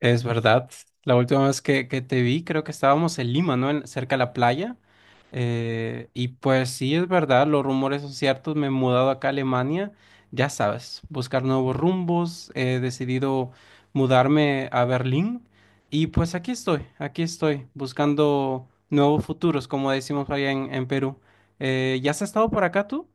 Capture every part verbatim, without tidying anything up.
Es verdad. La última vez que, que te vi, creo que estábamos en Lima, ¿no? En- cerca de la playa. Eh, y pues sí, es verdad, los rumores son ciertos. Me he mudado acá a Alemania, ya sabes, buscar nuevos rumbos. He decidido mudarme a Berlín. Y pues aquí estoy, aquí estoy, buscando nuevos futuros, como decimos allá en, en Perú. Eh, ¿ya has estado por acá tú?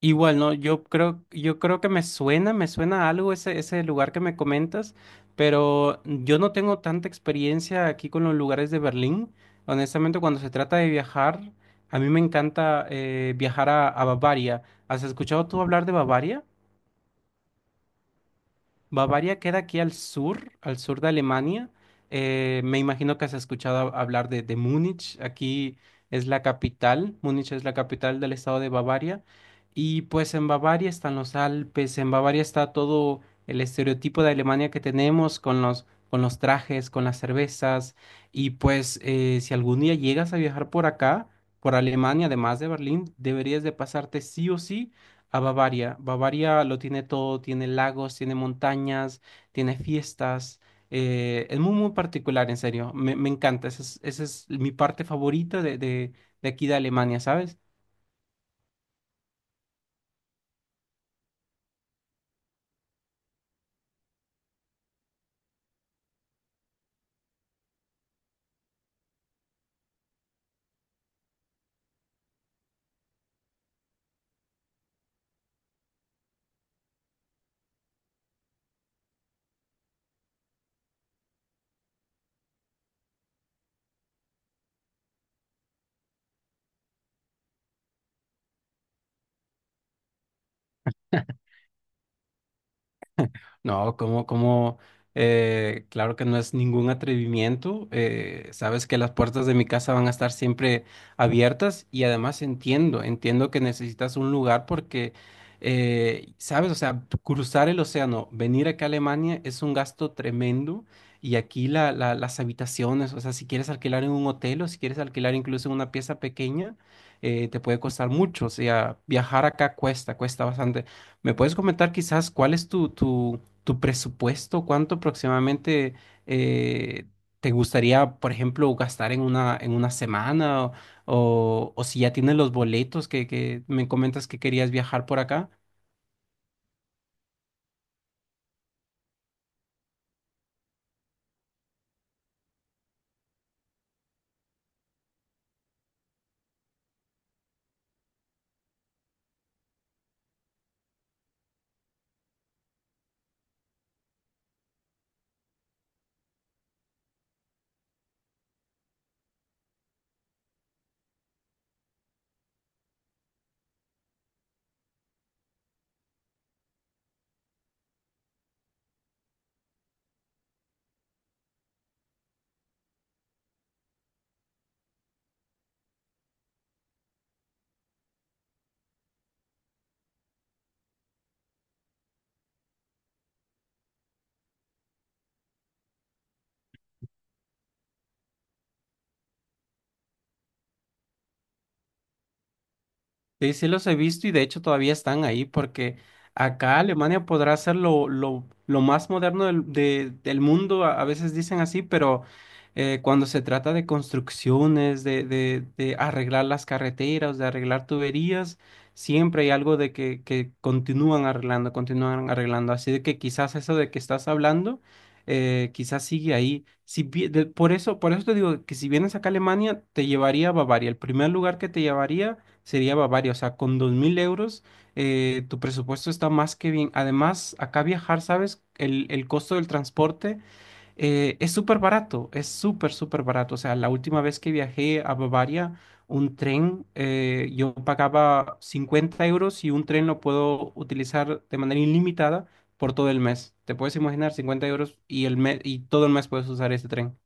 Igual, no, yo creo, yo creo que me suena, me suena algo ese, ese lugar que me comentas, pero yo no tengo tanta experiencia aquí con los lugares de Berlín. Honestamente, cuando se trata de viajar, a mí me encanta eh, viajar a, a Bavaria. ¿Has escuchado tú hablar de Bavaria? Bavaria queda aquí al sur, al sur de Alemania. Eh, me imagino que has escuchado hab- hablar de, de Múnich. Aquí es la capital. Múnich es la capital del estado de Bavaria. Y pues en Bavaria están los Alpes, en Bavaria está todo el estereotipo de Alemania que tenemos con los, con los trajes, con las cervezas. Y pues eh, si algún día llegas a viajar por acá, por Alemania, además de Berlín, deberías de pasarte sí o sí a Bavaria. Bavaria lo tiene todo, tiene lagos, tiene montañas, tiene fiestas. Eh, es muy, muy particular, en serio. Me, me encanta. Esa es, esa es mi parte favorita de, de, de aquí de Alemania, ¿sabes? No, como, como, eh, claro que no es ningún atrevimiento. Eh, sabes que las puertas de mi casa van a estar siempre abiertas y además entiendo, entiendo que necesitas un lugar porque, eh, sabes, o sea, cruzar el océano, venir acá a Alemania es un gasto tremendo y aquí la, la- las habitaciones, o sea, si quieres alquilar en un hotel o si quieres alquilar incluso en una pieza pequeña, eh, te puede costar mucho. O sea, viajar acá cuesta, cuesta bastante. ¿Me puedes comentar quizás cuál es tu, tu tu presupuesto, cuánto aproximadamente eh, te gustaría, por ejemplo, gastar en una, en una semana o, o- o si ya tienes los boletos que, que me comentas que querías viajar por acá? Sí, sí los he visto y de hecho todavía están ahí porque acá Alemania podrá ser lo, lo, lo más moderno del, de- del mundo, a, a veces dicen así, pero eh, cuando se trata de construcciones, de, de, de arreglar las carreteras, de arreglar tuberías, siempre hay algo de que, que continúan arreglando, continúan arreglando. Así de que quizás eso de que estás hablando, eh, quizás sigue ahí. Si, vi- de- Por eso, por eso te digo que si vienes acá a Alemania, te llevaría a Bavaria. El primer lugar que te llevaría sería Bavaria. O sea, con dos mil euros eh, tu presupuesto está más que bien. Además, acá viajar, ¿sabes? El, el costo del transporte eh, es súper barato, es súper, súper barato. O sea, la última vez que viajé a Bavaria, un tren, eh, yo pagaba cincuenta euros y un tren lo puedo utilizar de manera ilimitada por todo el mes. Te puedes imaginar cincuenta euros y, el mes, y todo el mes puedes usar ese tren.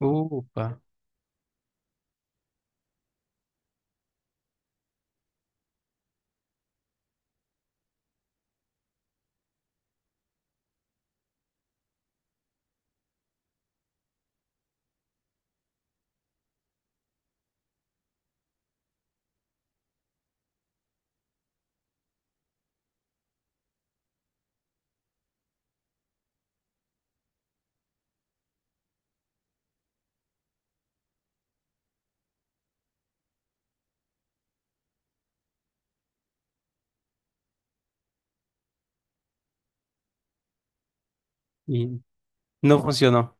Upa. Y no funcionó.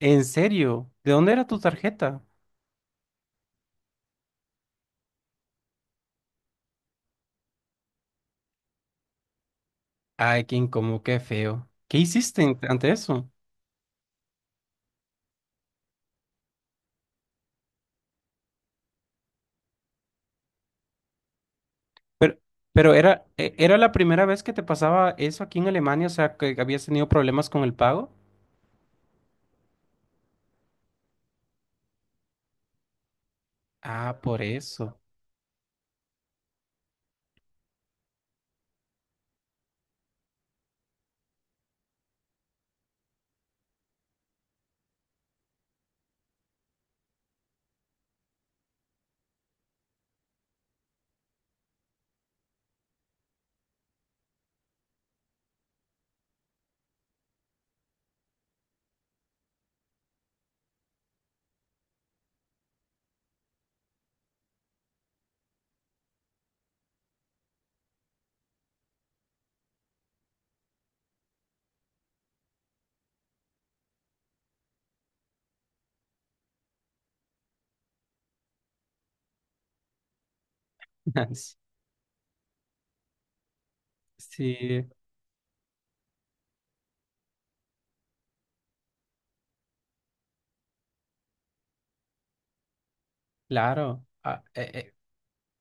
¿En serio? ¿De dónde era tu tarjeta? Ay, qué incómodo, qué feo. ¿Qué hiciste en- ante eso? Pero, pero era, e- ¿era la primera vez que te pasaba eso aquí en Alemania? O sea, que habías tenido problemas con el pago. Ah, por eso. Sí, claro. Ah, e, e,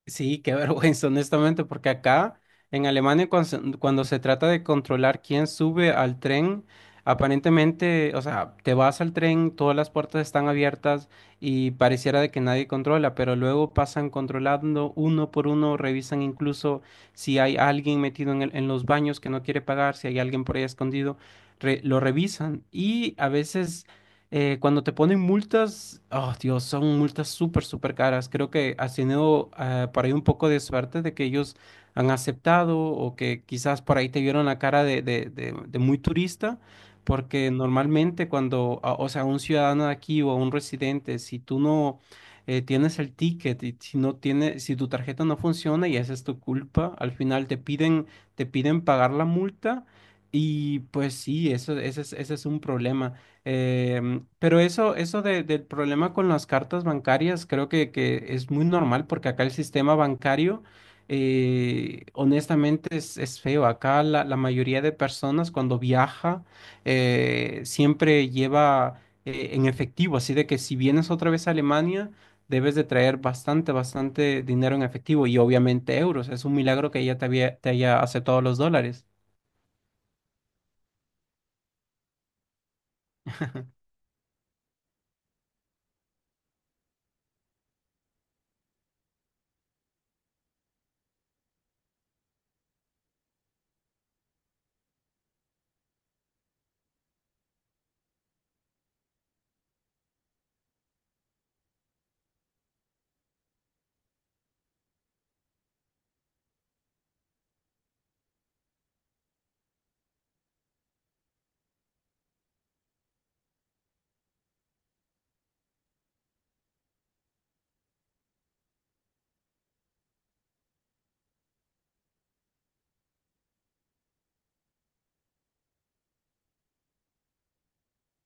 Sí, qué vergüenza, honestamente, porque acá en Alemania cuando se, cuando se trata de controlar quién sube al tren, aparentemente, o sea, te vas al tren, todas las puertas están abiertas y pareciera de que nadie controla, pero luego pasan controlando uno por uno, revisan incluso si hay alguien metido en el- en los baños que no quiere pagar, si hay alguien por ahí escondido, re- lo revisan y a veces eh, cuando te ponen multas, oh Dios, son multas súper, súper caras. Creo que has tenido eh, por ahí un poco de suerte de que ellos han aceptado o que quizás por ahí te vieron la cara de, de, de- de muy turista, porque normalmente cuando, a- o sea, un ciudadano de aquí o un residente, si tú no eh, tienes el ticket y si no tiene, si tu tarjeta no funciona y esa es tu culpa, al final te piden, te piden pagar la multa y pues sí, eso, ese es, ese es un problema. Em, pero eso, eso de- del problema con las cartas bancarias, creo que, que es muy normal porque acá el sistema bancario, eh, honestamente, es, es feo. Acá la, la mayoría de personas cuando viaja eh, siempre lleva eh, en efectivo, así de que si vienes otra vez a Alemania, debes de traer bastante, bastante dinero en efectivo y obviamente euros. Es un milagro que ella te había- te haya aceptado los dólares.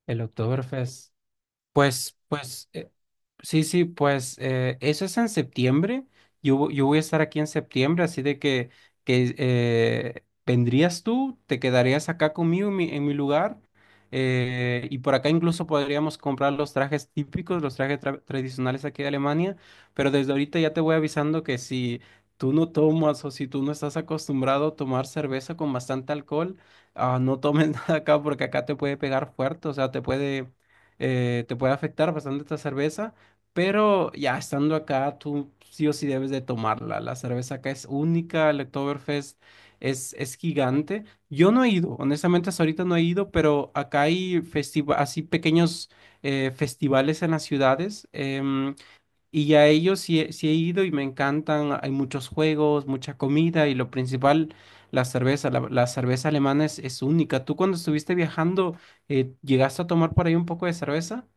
El Oktoberfest. Pues, pues. Sí, sí, pues eh, eso es en septiembre. Yo, vo- yo voy a estar aquí en septiembre, así de que, que eh, vendrías tú, te quedarías acá conmigo en mi, en mi lugar. Eh, y por acá incluso podríamos comprar los trajes típicos, los trajes tra- tradicionales aquí de Alemania. Pero desde ahorita ya te voy avisando que si tú no tomas o si tú no estás acostumbrado a tomar cerveza con bastante alcohol, ah, no tomes nada acá porque acá te puede pegar fuerte, o sea, te puede, eh, te puede afectar bastante esta cerveza. Pero ya estando acá, tú sí o sí debes de tomarla. La cerveza acá es única, el Oktoberfest es, es gigante. Yo no he ido, honestamente hasta ahorita no he ido, pero acá hay festiva- así pequeños eh, festivales en las ciudades em, y a ellos sí, he- sí he ido y me encantan. Hay muchos juegos, mucha comida y lo principal, la cerveza. La, la cerveza alemana es, es única. ¿Tú cuando estuviste viajando, eh, llegaste a tomar por ahí un poco de cerveza?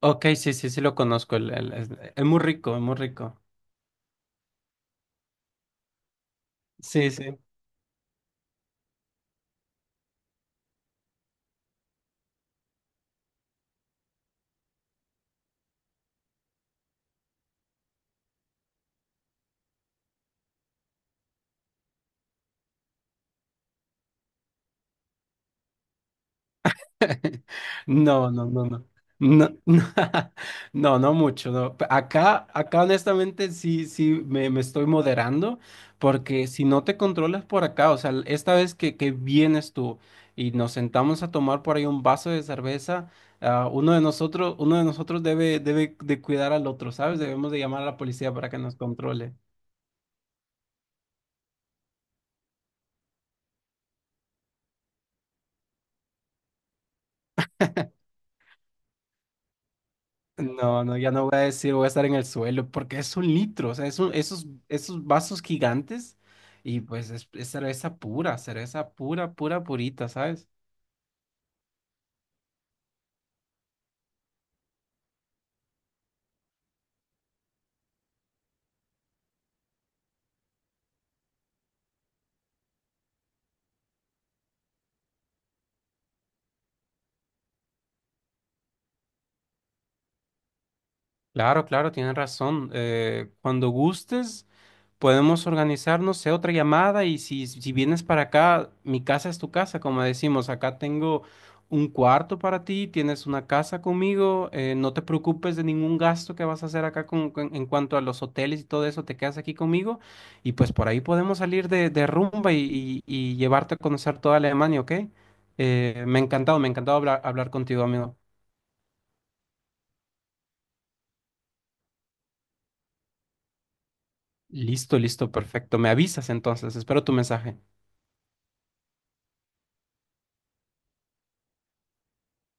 Ok, sí, sí, sí lo conozco. El- el- es, es muy rico, es muy rico. Sí, sí. No, no, no, no. No, no, no, no mucho, no. P- Acá, acá honestamente sí, sí, me, me estoy moderando porque si no te controlas por acá, o sea, l- esta vez que, que vienes tú y nos sentamos a tomar por ahí un vaso de cerveza, ah, uno de nosotros, uno de nosotros debe, debe de cuidar al otro, ¿sabes? Debemos de llamar a la policía para que nos controle. No, no, ya no voy a decir, voy a estar en el suelo, porque es un litro, o sea, es un- esos, esos vasos gigantes y pues es, es cerveza pura, cerveza pura, pura, purita, ¿sabes? Claro, claro, tienes razón. Eh, cuando gustes. Podemos organizarnos, sé, otra llamada y si, si vienes para acá, mi casa es tu casa, como decimos, acá tengo un cuarto para ti, tienes una casa conmigo, eh, no te preocupes de ningún gasto que vas a hacer acá con, con- en cuanto a los hoteles y todo eso, te quedas aquí conmigo y pues por ahí podemos salir de, de rumba y, y- y llevarte a conocer toda Alemania, ¿ok? Eh, me ha encantado, me ha encantado hablar, hablar contigo, amigo. Listo, listo, perfecto. Me avisas entonces, espero tu mensaje.